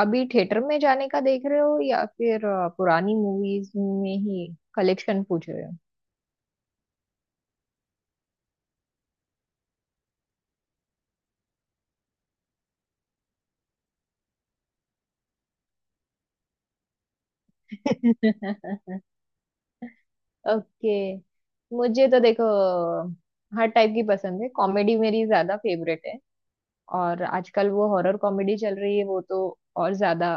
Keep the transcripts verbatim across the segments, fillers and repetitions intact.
अभी थिएटर में जाने का देख रहे हो या फिर अ, पुरानी मूवीज में ही कलेक्शन पूछ रहे हो। ओके। मुझे तो देखो, हर टाइप की पसंद है। कॉमेडी मेरी ज्यादा फेवरेट है। और आजकल वो हॉरर कॉमेडी चल रही है, वो तो और ज्यादा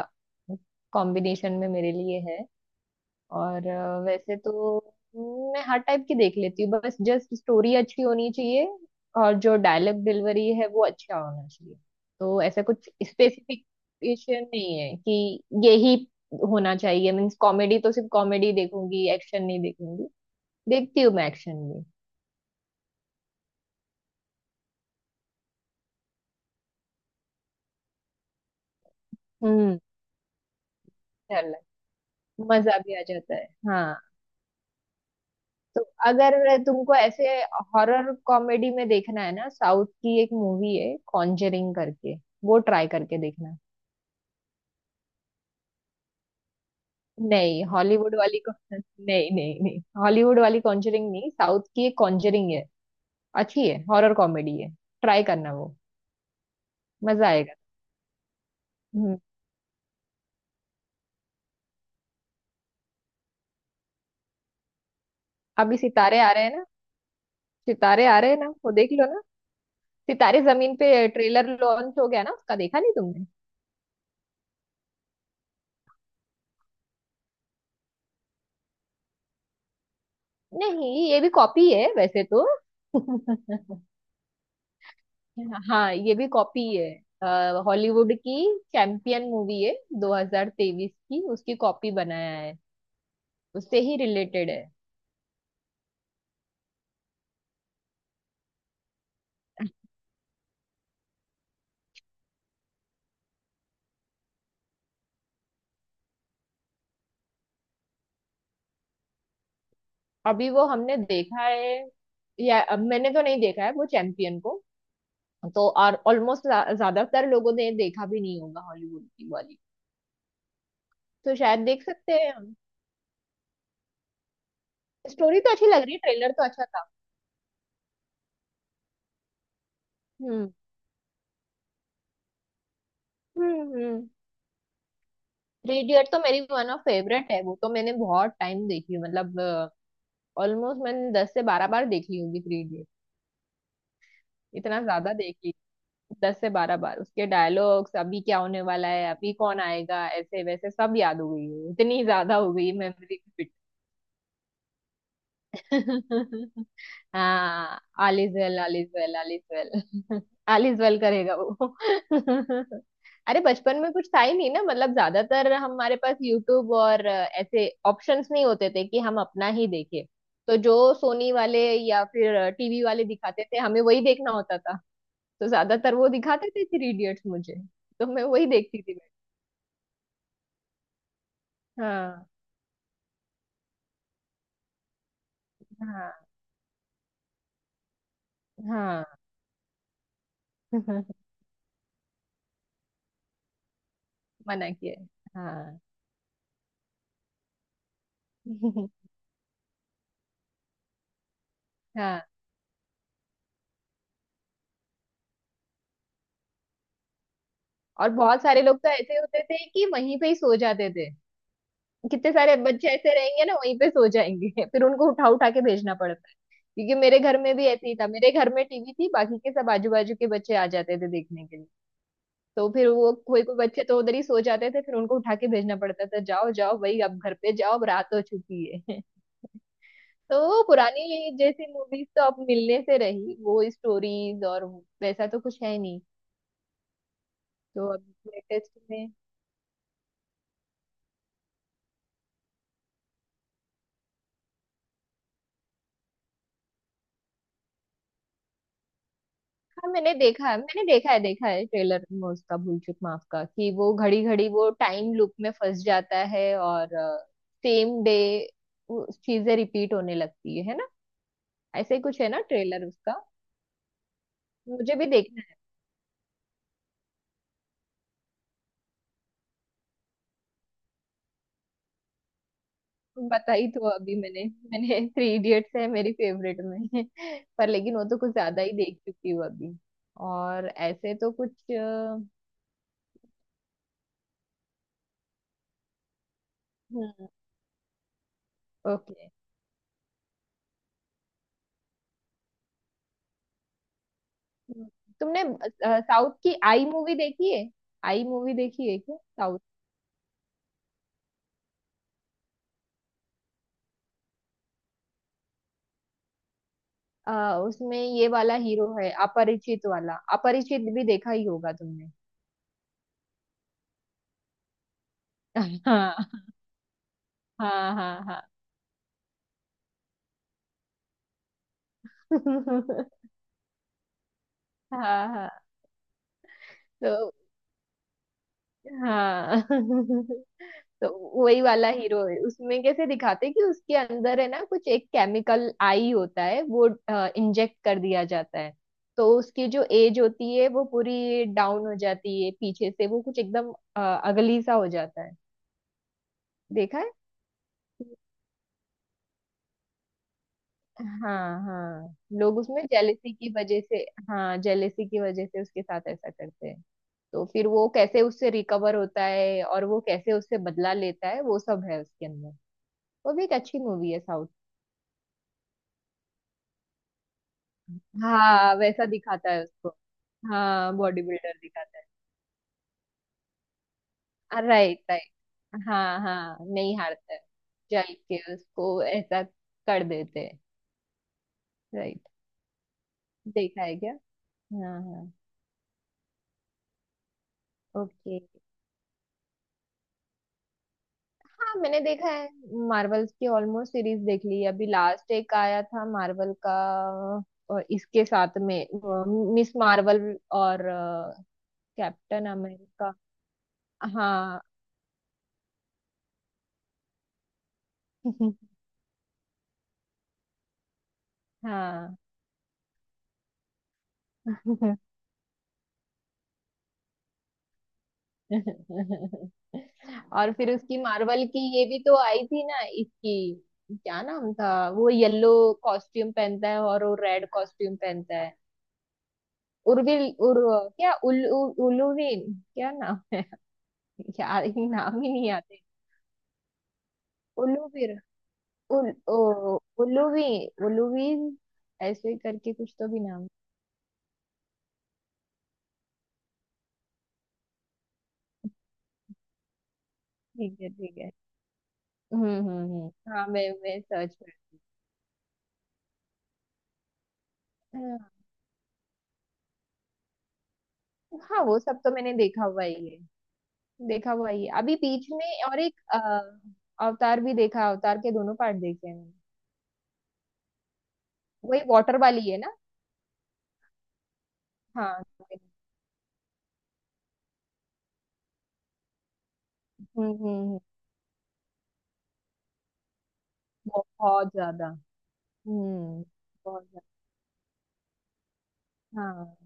कॉम्बिनेशन में मेरे लिए है। और अ, वैसे तो मैं हर टाइप की देख लेती हूँ, बस जस्ट स्टोरी अच्छी होनी चाहिए। और जो डायलॉग डिलीवरी है वो अच्छा होना चाहिए। तो ऐसा कुछ स्पेसिफिकेशन नहीं है कि यही होना चाहिए मीन्स कॉमेडी तो सिर्फ कॉमेडी देखूंगी, एक्शन नहीं देखूंगी। देखती हूँ मैं एक्शन भी। हम्म। चल, मजा भी आ जाता है, हाँ। तो अगर तुमको ऐसे हॉरर कॉमेडी में देखना है ना, साउथ की एक मूवी है कॉन्जरिंग करके, वो ट्राई करके देखना। नहीं, हॉलीवुड वाली को नहीं, नहीं नहीं, हॉलीवुड वाली कॉन्जरिंग नहीं, साउथ की एक कॉन्जरिंग है। अच्छी है, हॉरर कॉमेडी है। ट्राई करना वो, मजा आएगा। हम्म। अभी सितारे आ रहे हैं ना। सितारे आ रहे हैं ना, वो देख लो ना, सितारे जमीन पे। ट्रेलर लॉन्च हो गया ना उसका, देखा नहीं तुमने? नहीं, ये भी कॉपी है वैसे तो। हाँ, ये भी कॉपी है, हॉलीवुड की चैंपियन मूवी है दो हज़ार तेईस की, उसकी कॉपी बनाया है, उससे ही रिलेटेड है। अभी वो हमने देखा है, या अब मैंने तो नहीं देखा है वो चैंपियन को। तो और ऑलमोस्ट ज्यादातर लोगों ने देखा भी नहीं होगा हॉलीवुड की वाली, तो शायद देख सकते हैं हम। स्टोरी तो अच्छी लग रही है, ट्रेलर तो अच्छा था। हम्म, हम्म, हम्म। थ्री इडियट तो मेरी वन ऑफ फेवरेट है, वो तो मैंने बहुत टाइम देखी है, मतलब ऑलमोस्ट मैंने दस से बारह बार देखी होगी थ्री इडियट। इतना ज्यादा देखी, दस से बारह बार। उसके डायलॉग्स, अभी क्या होने वाला है, अभी कौन आएगा, ऐसे वैसे सब याद हो गई है, इतनी ज्यादा हो गई मेमोरी। हाँ, all is well, all is well, all is well, all is well. करेगा वो। अरे बचपन में कुछ था ही नहीं ना, मतलब ज्यादातर हमारे पास यूट्यूब और अ, ऐसे ऑप्शंस नहीं होते थे कि हम अपना ही देखें। तो जो सोनी वाले या फिर टीवी वाले दिखाते थे हमें वही देखना होता था। तो ज्यादातर वो दिखाते थे थ्री इडियट्स मुझे। तो मैं वही देखती थी मैं। हाँ, हाँ, हाँ। मना किया है। हाँ। हाँ, और बहुत सारे लोग तो ऐसे होते थे कि वहीं पे ही सो जाते थे। कितने सारे बच्चे ऐसे रहेंगे ना, वहीं पे सो जाएंगे। फिर उनको उठा उठा के भेजना पड़ता है। क्योंकि मेरे घर में भी ऐसे ही था, मेरे घर में टीवी थी, बाकी के सब आजू बाजू के बच्चे आ जाते थे देखने के लिए। तो फिर वो कोई कोई बच्चे तो उधर ही सो जाते थे, फिर उनको उठा के भेजना पड़ता था, जाओ जाओ भाई अब घर पे जाओ, अब रात हो चुकी है। तो वो पुरानी जैसी मूवीज तो अब मिलने से रही, वो स्टोरीज और वैसा तो कुछ है नहीं। तो अब लेटेस्ट में। हाँ, मैंने देखा है, मैंने देखा है, देखा है। ट्रेलर में उसका भूल चूक माफ का, कि वो घड़ी घड़ी वो टाइम लूप में फंस जाता है और सेम डे चीजें रिपीट होने लगती है है ना? ऐसे ही कुछ है ना ट्रेलर उसका। मुझे भी देखना है। तुम बताई तो अभी मैंने मैंने थ्री इडियट्स है मेरी फेवरेट में। पर लेकिन वो तो कुछ ज्यादा ही देख चुकी हूँ अभी। और ऐसे तो कुछ अ, हम्म। ओके। तुमने साउथ की आई मूवी देखी है? आई मूवी देखी है क्या? आ, उसमें ये वाला हीरो है अपरिचित वाला, अपरिचित भी देखा ही होगा तुमने। हाँ, हाँ, हाँ, हाँ। हाँ, हाँ। तो हाँ। तो वही वाला हीरो है उसमें, कैसे दिखाते हैं कि उसके अंदर है ना कुछ एक केमिकल आई होता है, वो इंजेक्ट कर दिया जाता है। तो उसकी जो एज होती है वो पूरी डाउन हो जाती है पीछे से, वो कुछ एकदम अ, अगली सा हो जाता है। देखा है? हाँ, हाँ, लोग उसमें जेलेसी की वजह से, हाँ, जेलेसी की वजह से उसके साथ ऐसा करते हैं। तो फिर वो कैसे उससे रिकवर होता है और वो कैसे उससे बदला लेता है वो सब है उसके अंदर। वो भी एक अच्छी मूवी है साउथ की। हाँ, वैसा दिखाता है उसको। हाँ, बॉडी बिल्डर दिखाता है। Right, right. हाँ, हाँ, नहीं हारता है। जल के उसको ऐसा कर देते हैं। राइट। देखा है क्या? हाँ, हाँ। ओके। हाँ, मैंने देखा है। मार्वल्स की ऑलमोस्ट सीरीज देख ली है। अभी लास्ट एक आया था मार्वल का, और इसके साथ में मिस मार्वल, और कैप्टन अमेरिका। हाँ। हाँ। और फिर उसकी मार्वल की ये भी तो आई थी ना इसकी, क्या नाम था वो, येलो कॉस्ट्यूम पहनता है और वो रेड कॉस्ट्यूम पहनता है। उर्विल उर, क्या उल, उल, उलुविन, क्या नाम है? यार ये नाम ही नहीं आते। उल्लू भी, उल, ओ, उल्लू भी, उल्लू भी, ऐसे ही करके कुछ तो भी नाम। ठीक है, ठीक है। हम्म, हम्म, हम्म, हाँ। मैं मैं सर्च कर। हाँ, हाँ, वो सब तो मैंने देखा हुआ ही है, देखा हुआ ही है। अभी बीच में और एक अ, अवतार भी देखा, अवतार के दोनों पार्ट देखे हैं मैंने। वही वाटर वाली है ना? हाँ, हम्म, हम्म, हम्म, बहुत ज्यादा। हम्म, बहुत ज्यादा। हाँ,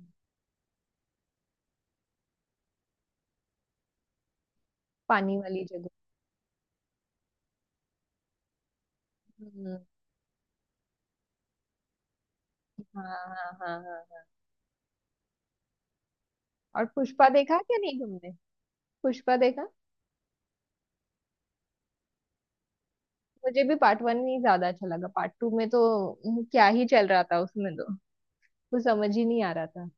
पानी वाली जगह। हम्म, हाँ, हाँ, हाँ, हाँ, हाँ। और पुष्पा देखा क्या, नहीं तुमने? पुष्पा देखा। मुझे भी पार्ट वन ही ज्यादा अच्छा लगा, पार्ट टू में तो हम्म, क्या ही चल रहा था उसमें तो, कुछ समझ ही नहीं आ रहा था।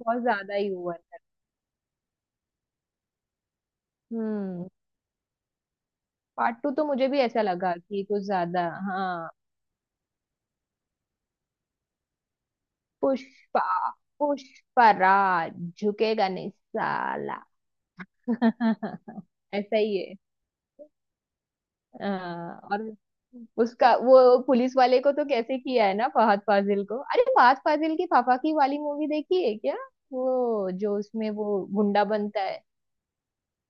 बहुत ज्यादा ही हुआ था। हम्म, पार्ट टू तो मुझे भी ऐसा लगा कि कुछ ज्यादा। हाँ। पुष्पा, पुष्पा राज। झुकेगा नहीं साला। ऐसा ही है। हाँ, और उसका वो, पुलिस वाले को तो कैसे किया है ना, फहद फाजिल को। अरे फहद फाजिल की फाफाकी वाली मूवी देखी है क्या, वो जो उसमें वो गुंडा बनता है?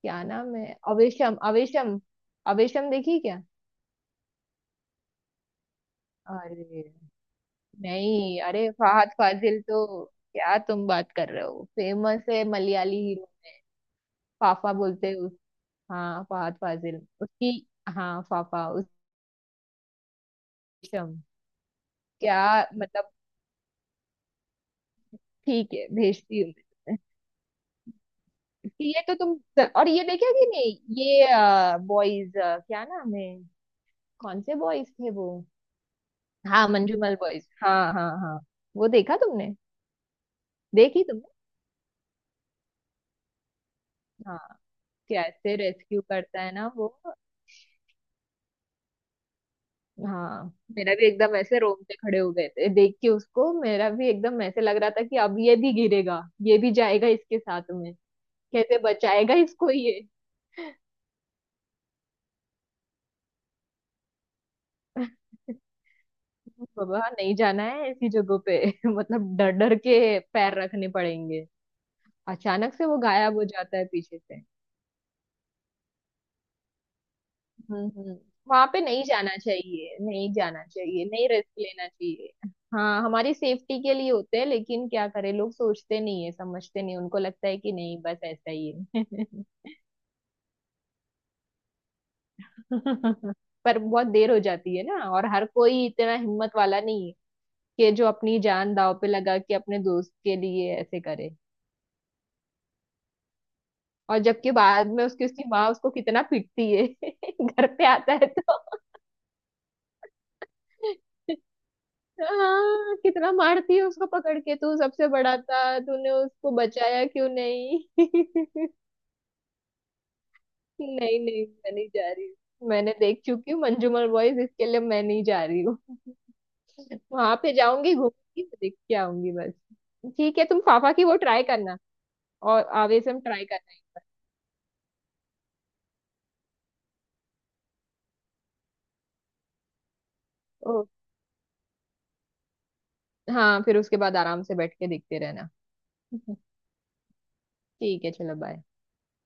क्या नाम है, अवेशम, अवेशम। अवेशम देखी क्या? अरे नहीं, अरे फहद फाजिल तो, क्या तुम बात कर रहे हो, फेमस है मलयाली हीरो। फाफा बोलते हैं उस, हाँ फहद फाजिल, उसकी। हाँ, फाफा। उसम, क्या मतलब। ठीक है, भेजती हूँ। कि ये तो तुम, और ये देखा कि नहीं, ये बॉयज, क्या नाम है, कौन से बॉयज थे वो? हाँ, मंजूमल बॉयज, हाँ, हाँ, हाँ। वो देखा तुमने? देखी तुमने? हाँ, कैसे रेस्क्यू करता है ना वो। हाँ। मेरा भी एकदम ऐसे रोंगटे खड़े हो गए थे देख के उसको, मेरा भी एकदम ऐसे लग रहा था कि अब ये भी गिरेगा, ये भी जाएगा इसके साथ में, कैसे बचाएगा इसको ये। बाबा, नहीं जाना है ऐसी जगहों पे। मतलब डर डर के पैर रखने पड़ेंगे। अचानक से वो गायब हो जाता है पीछे से। हम्म, वहां पे नहीं जाना चाहिए, नहीं जाना चाहिए, नहीं रिस्क लेना चाहिए। हाँ, हमारी सेफ्टी के लिए होते हैं, लेकिन क्या करें, लोग सोचते नहीं है, समझते नहीं, उनको लगता है कि नहीं बस ऐसा ही है। पर बहुत देर हो जाती है ना, और हर कोई इतना हिम्मत वाला नहीं है कि जो अपनी जान दांव पे लगा के अपने दोस्त के लिए ऐसे करे। और जबकि बाद में उसकी उसकी माँ उसको कितना पीटती है, घर पे आता है तो। हाँ, कितना मारती है उसको पकड़ के, तू सबसे बड़ा था तूने उसको बचाया क्यों नहीं? नहीं नहीं, मैं नहीं जा रही हूँ, मैंने देख चुकी हूँ मंजूमल बॉयज, इसके लिए मैं नहीं जा रही हूँ। वहां पे जाऊंगी, घूमूंगी, देख के आऊंगी बस। ठीक है, तुम फाफा की वो ट्राई करना और आवेसम ट्राई करना। ओ, हाँ, फिर उसके बाद आराम से बैठ के देखते रहना। ठीक है, चलो बाय।